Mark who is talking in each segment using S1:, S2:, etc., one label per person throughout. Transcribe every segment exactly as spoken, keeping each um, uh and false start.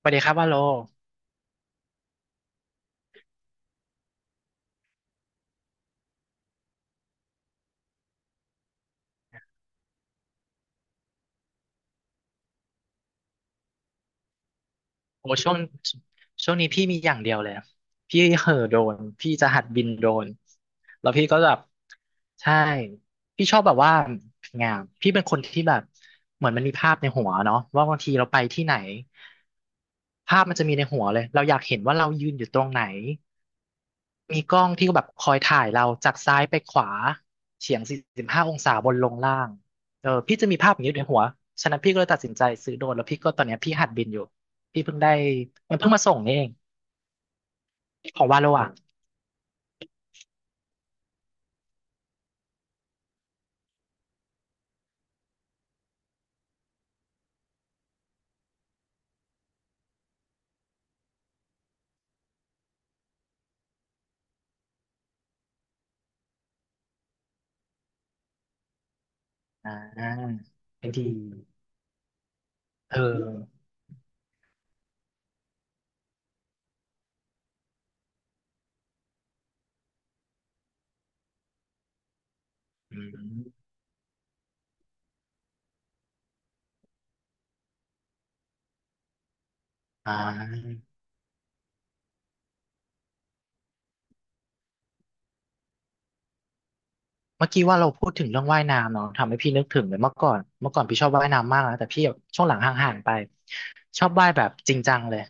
S1: สวัสดีครับว่าโลโอ้ช่วงช่วงนี้พี่มีอย่างเดียวเลยพี่เห่อโดรนพี่จะหัดบินโดรนแล้วพี่ก็แบบใช่พี่ชอบแบบว่างามพี่เป็นคนที่แบบเหมือนมันมีภาพในหัวเนาะว่าบางทีเราไปที่ไหนภาพมันจะมีในหัวเลยเราอยากเห็นว่าเรายืนอยู่ตรงไหน มีกล้องที่แบบคอยถ่ายเราจากซ้ายไปขวาเฉียงสี่สิบห้าองศาบนลงล่างเออพี่จะมีภาพอย่างนี้อยู่ในหัวฉะนั้นพี่ก็เลยตัดสินใจซื้อโดรนแล้วพี่ก็ตอนเนี้ยพี่หัดบินอยู่พี่เพิ่งได้มันเพิ่งมาส่งนี่เองของวาโลอ่ะอ่าเป็นทีเอออืมอ่าเมื่อกี้ว่าเราพูดถึงเรื่องว่ายน้ำเนาะทำให้พี่นึกถึงเลยเมื่อก่อนเมื่อก่อนพี่ชอบว่ายน้ำมากนะแต่พี่แบบช่วงหลังห่างๆไปชอบว่ายแบบจริงจังเลย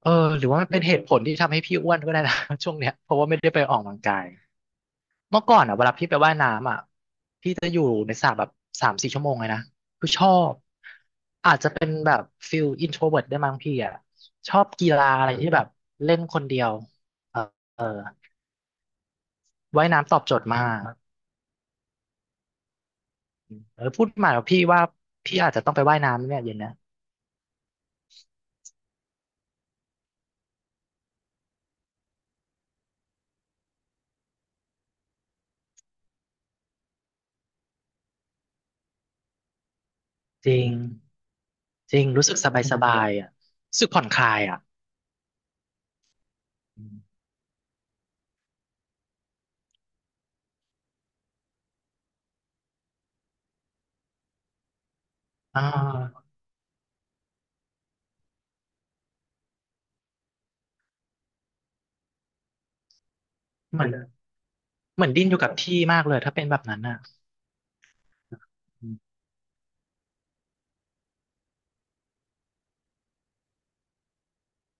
S1: เออหรือว่าเป็นเหตุผลที่ทำให้พี่อ้วนก็ได้นะ ช่วงเนี้ยเพราะว่าไม่ได้ไปออกกำลังกายเมื่อก่อนอ่ะเวลาพี่ไปว่ายน้ำอ่ะพี่จะอยู่ในสระแบบสามสี่ชั่วโมงเลยนะคือชอบอาจจะเป็นแบบฟิลอินโทรเวิร์ตได้มั้งพี่อ่ะชอบกีฬาอะไรที่แบบเล่นคนเดียวเออเออว่ายน้ำตอบโจทย์มากเออพูดมาแล้วพี่ว่าพี่อาจจะต้องไปว่ายน้ำเนี่ยเย็นเนะจริงจริงรู้สึกสบายสบายอ่ะรู้สึกผ่อนคลายอ่ะอ่าเหมือน เหมือนดิ้นอยู่กับที่มากเลยถ้าเป็นแบบนั้นอ่ะอืม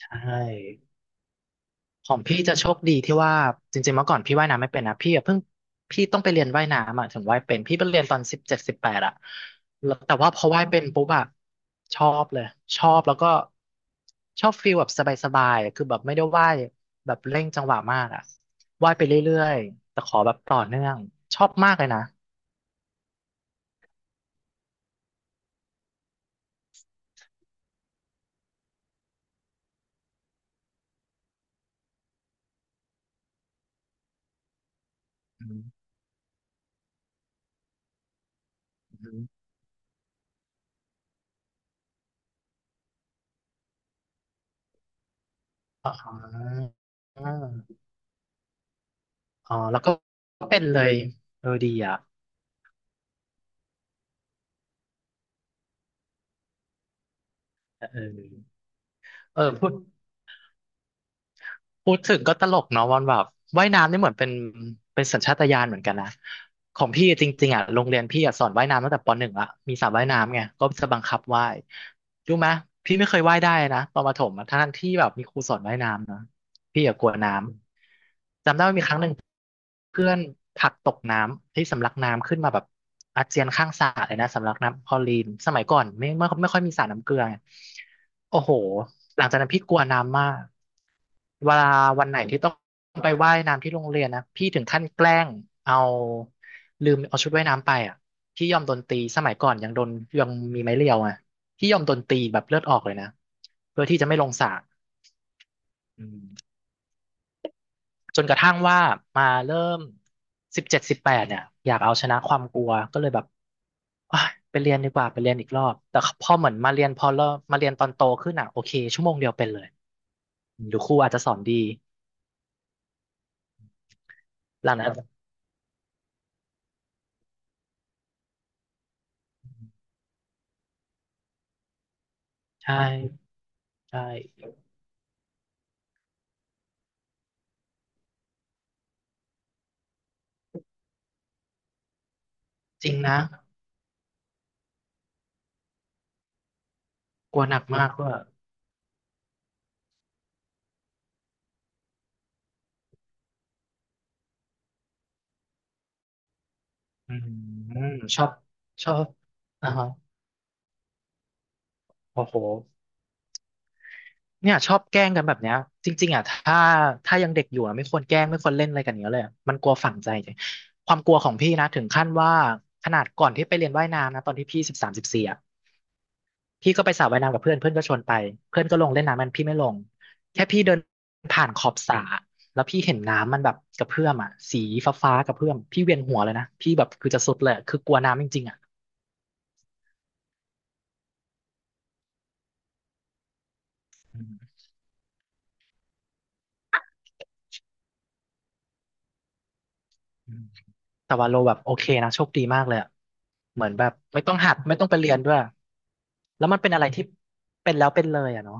S1: ใช่ของพี่จะโชคดีที่ว่าจริงๆเมื่อก่อนพี่ว่ายน้ำไม่เป็นนะพี่อะเพิ่งพี่ต้องไปเรียนว่ายน้ำอ่ะถึงว่ายเป็นพี่ไปเรียนตอนสิบเจ็ดสิบแปดอ่ะแล้วแต่ว่าพอว่ายเป็นปุ๊บอะชอบเลยชอบแล้วก็ชอบฟีลแบบสบายๆอะคือแบบไม่ได้ว่ายแบบเร่งจังหวะมากอ่ะว่ายไปเรื่อยๆแต่ขอแบบต่อเนื่องชอบมากเลยนะอืมอืมอ๋ออ๋อแล้วก็เป็นเลยเออดีอ่ะ เออเออพูดพูดถึงก็ตลกเนาะวันแบบว่ายน้ำนี่เหมือนเป็นเป็นสัญชาตญาณเหมือนกันนะของพี่จริงๆอ่ะโรงเรียนพี่อ่ะสอนว่ายน้ำตั้งแต่ปหนึ่งละมีสระว่ายน้ำไงก็จะบังคับว่ายรู้ไหมพี่ไม่เคยว่ายได้นะตอนประถมอะทั้งๆที่แบบมีครูสอนว่ายน้ำนะพี่อ่ะกลัวน้ำ จำได้ว่ามีครั้งหนึ่งเพื่อนผลักตกน้ำที่สำลักน้ำขึ้นมาแบบอาเจียนข้างสระเลยนะสำลักน้ำคลอรีนสมัยก่อนไม่ไม่ไม่ค่อยมีสระน้ำเกลือไงโอ้โหหลังจากนั้นพี่กลัวน้ำมากเวลาวันไหนที่ต้องไปว่ายน้ำที่โรงเรียนนะพี่ถึงขั้นแกล้งเอาลืมเอาชุดว่ายน้ำไปอ่ะพี่ยอมโดนตีสมัยก่อนยังโดนยังมีไม้เรียวอ่ะพี่ยอมโดนตีแบบเลือดออกเลยนะเพื่อที่จะไม่ลงสระอืม จนกระทั่งว่ามาเริ่มสิบเจ็ดสิบแปดเนี่ยอยากเอาชนะความกลัวก็เลยแบบอ่ะไปเรียนดีกว่าไปเรียนอีกรอบแต่พอเหมือนมาเรียนพอเริ่มมาเรียนตอนโตขึ้นอ่ะโอเคชั่วโมงเดียวเป็นเลยหรือครูอาจจะสอนดีหลังนั้นใช่ใช่จริงนะกลัวหนักมากว่าอืมชอบชอบอ่าฮะโอ้โห เนี่ยชอบแกล้งกันแบบเนี้ยจริงๆอ่ะถ้าถ้ายังเด็กอยู่อ่ะไม่ควรแกล้งไม่ควรเล่นอะไรกันอย่างเงี้ยเลยอะมันกลัวฝังใจจริงความกลัวของพี่นะถึงขั้นว่าขนาดก่อนที่ไปเรียนว่ายน้ำนะตอนที่พี่สิบสามสิบสี่อ่ะพี่ก็ไปสระว่ายน้ำกับเพื่อนเพื่อนก็ชวนไปเพื่อนก็ลงเล่นน้ำมันพี่ไม่ลงแค่พี่เดินผ่านขอบสระแล้วพี่เห็นน้ำมันแบบกระเพื่อมอ่ะสีฟ้าๆกระเพื่อมพี่เวียนหัวเลยนะพี่แบบคือจะสุดเลยคือกลัวน้ำจริงๆอ่ะอืมอืมแต่ว่าโลแบบโอเคนะโชคดีมากเลยอะเหมือนแบบไม่ต้องหัดไม่ต้องไปเรียนด้วย แล้วมันเป็นอะไรที่เป็นแล้วเป็นเลยอ่ะเนาะ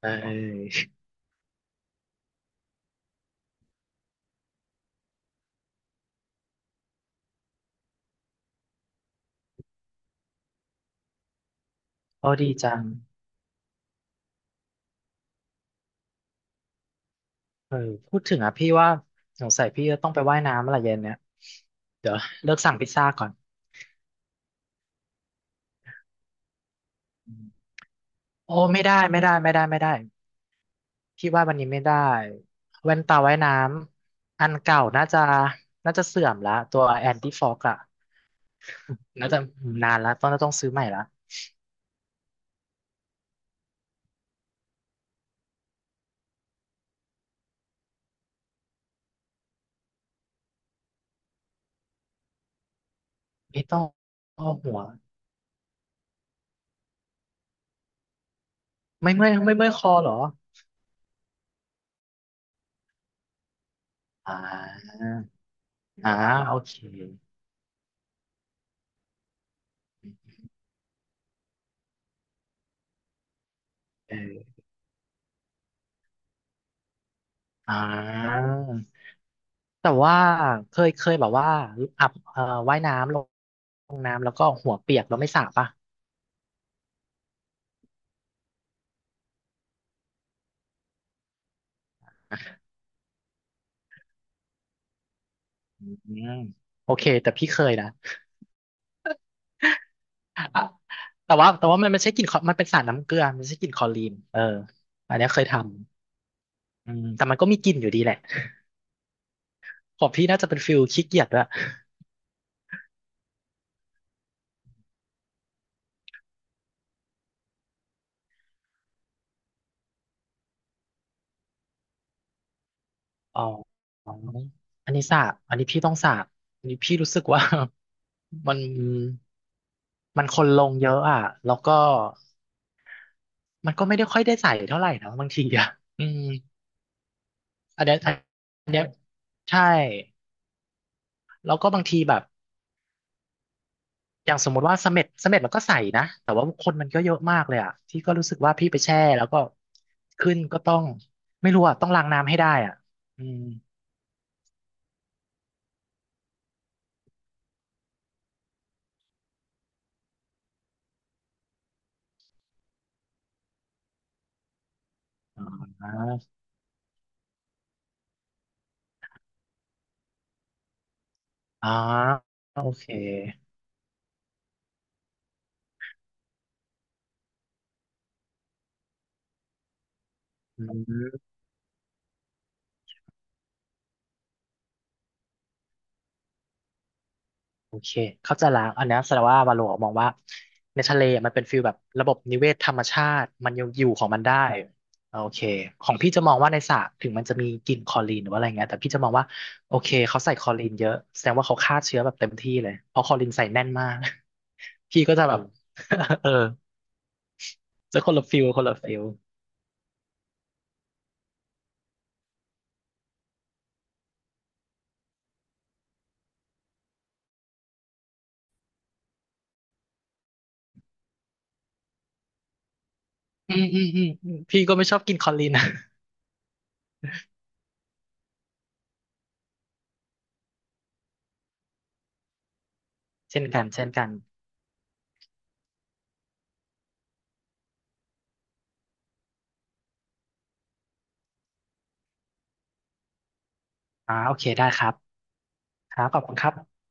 S1: เออเออโอ้ดีจังเออพูดถึงอ่ะพี่ว่าสงสัยพี่จะต้องไปว่ายน้ำอะไรเย็นเนี่ยเดี๋ยวเลิกสั่งพิซซ่าก่อนโอ้ไม่ได้ไม่ได้ไม่ได้ไม่ได้พี่ว่าวันนี้ไม่ได้แว่นตาว่ายน้ำอันเก่าน่าจะน่าจะเสื่อมละตัวแอนตี้ฟอกอะน่าจะนานละต้องต้องซื้อใหม่ละไม่ต้องอ้อหัวไม่เมื่อยไม่เมื่อยคอเหรออ่าอ่าโอเคเอออ่า แต่ว่าเคยเคยแบบว่าอาบเอ่อว่ายน้ำลงลงน้ำแล้วก็หัวเปียกแล้วไม่สระป่ะอืมโอเคแต่พี่เคยนะอ่ะแต่ว่าแต่ว่ามันไม่ใช่กลิ่นคอมันเป็นสารน้ำเกลือมันไม่ใช่กลิ่นคลอรีนเอออันเนี้ยเคยทำอืมแต่มันก็มีกลิ่นอยู่ดีแหละของพี่น่าจะเป็นฟิลขี้เกียจด้วยอ๋ออ๋ออันนี้สระอันนี้พี่ต้องสระอันนี้พี่รู้สึกว่า มันมันคนลงเยอะอ่ะแล้วก็มันก็ไม่ได้ค่อยได้ใส่เท่าไหร่นะบางทีอ่ะอืม อันเนี้ยอันเนี้ยใช่แล้วก็บางทีแบบอย่างสมมติว่าเสม็ดเสม็ดมันก็ใส่นะแต่ว่าคนมันก็เยอะมากเลยอ่ะที่ก็รู้สึกว่าพี่ไปแช่แล้วก็ขึ้นก็ต้องไม่รู้อ่ะต้องล้างน้ำให้ได้อ่ะอืมอ๋ออ๋อโอเคอืม โอเคเข้าใจละอันเนี้ยแสดงว่าวาโลมองว่าในทะเลมันเป็นฟิลแบบระบบนิเวศธรรมชาติมันยังอยู่ของมันได้โอเคของพี่จะมองว่าในสระถึงมันจะมีกลิ่นคลอรีนหรือว่าอะไรเงี้ยแต่พี่จะมองว่าโอเคเขาใส่คลอรีนเยอะแสดงว่าเขาฆ่าเชื้อแบบเต็มที่เลยเพราะคลอรีนใส่แน่นมาก พี่ก็จะแบบ เออจะคนละฟิลคนละฟิลอืมอืมอืมอืมพี่ก็ไม่ชอบกินคลอรีนนะ เช่นกันเช่นกันอ่าโอเคได้ครับครับขอบคุณครับ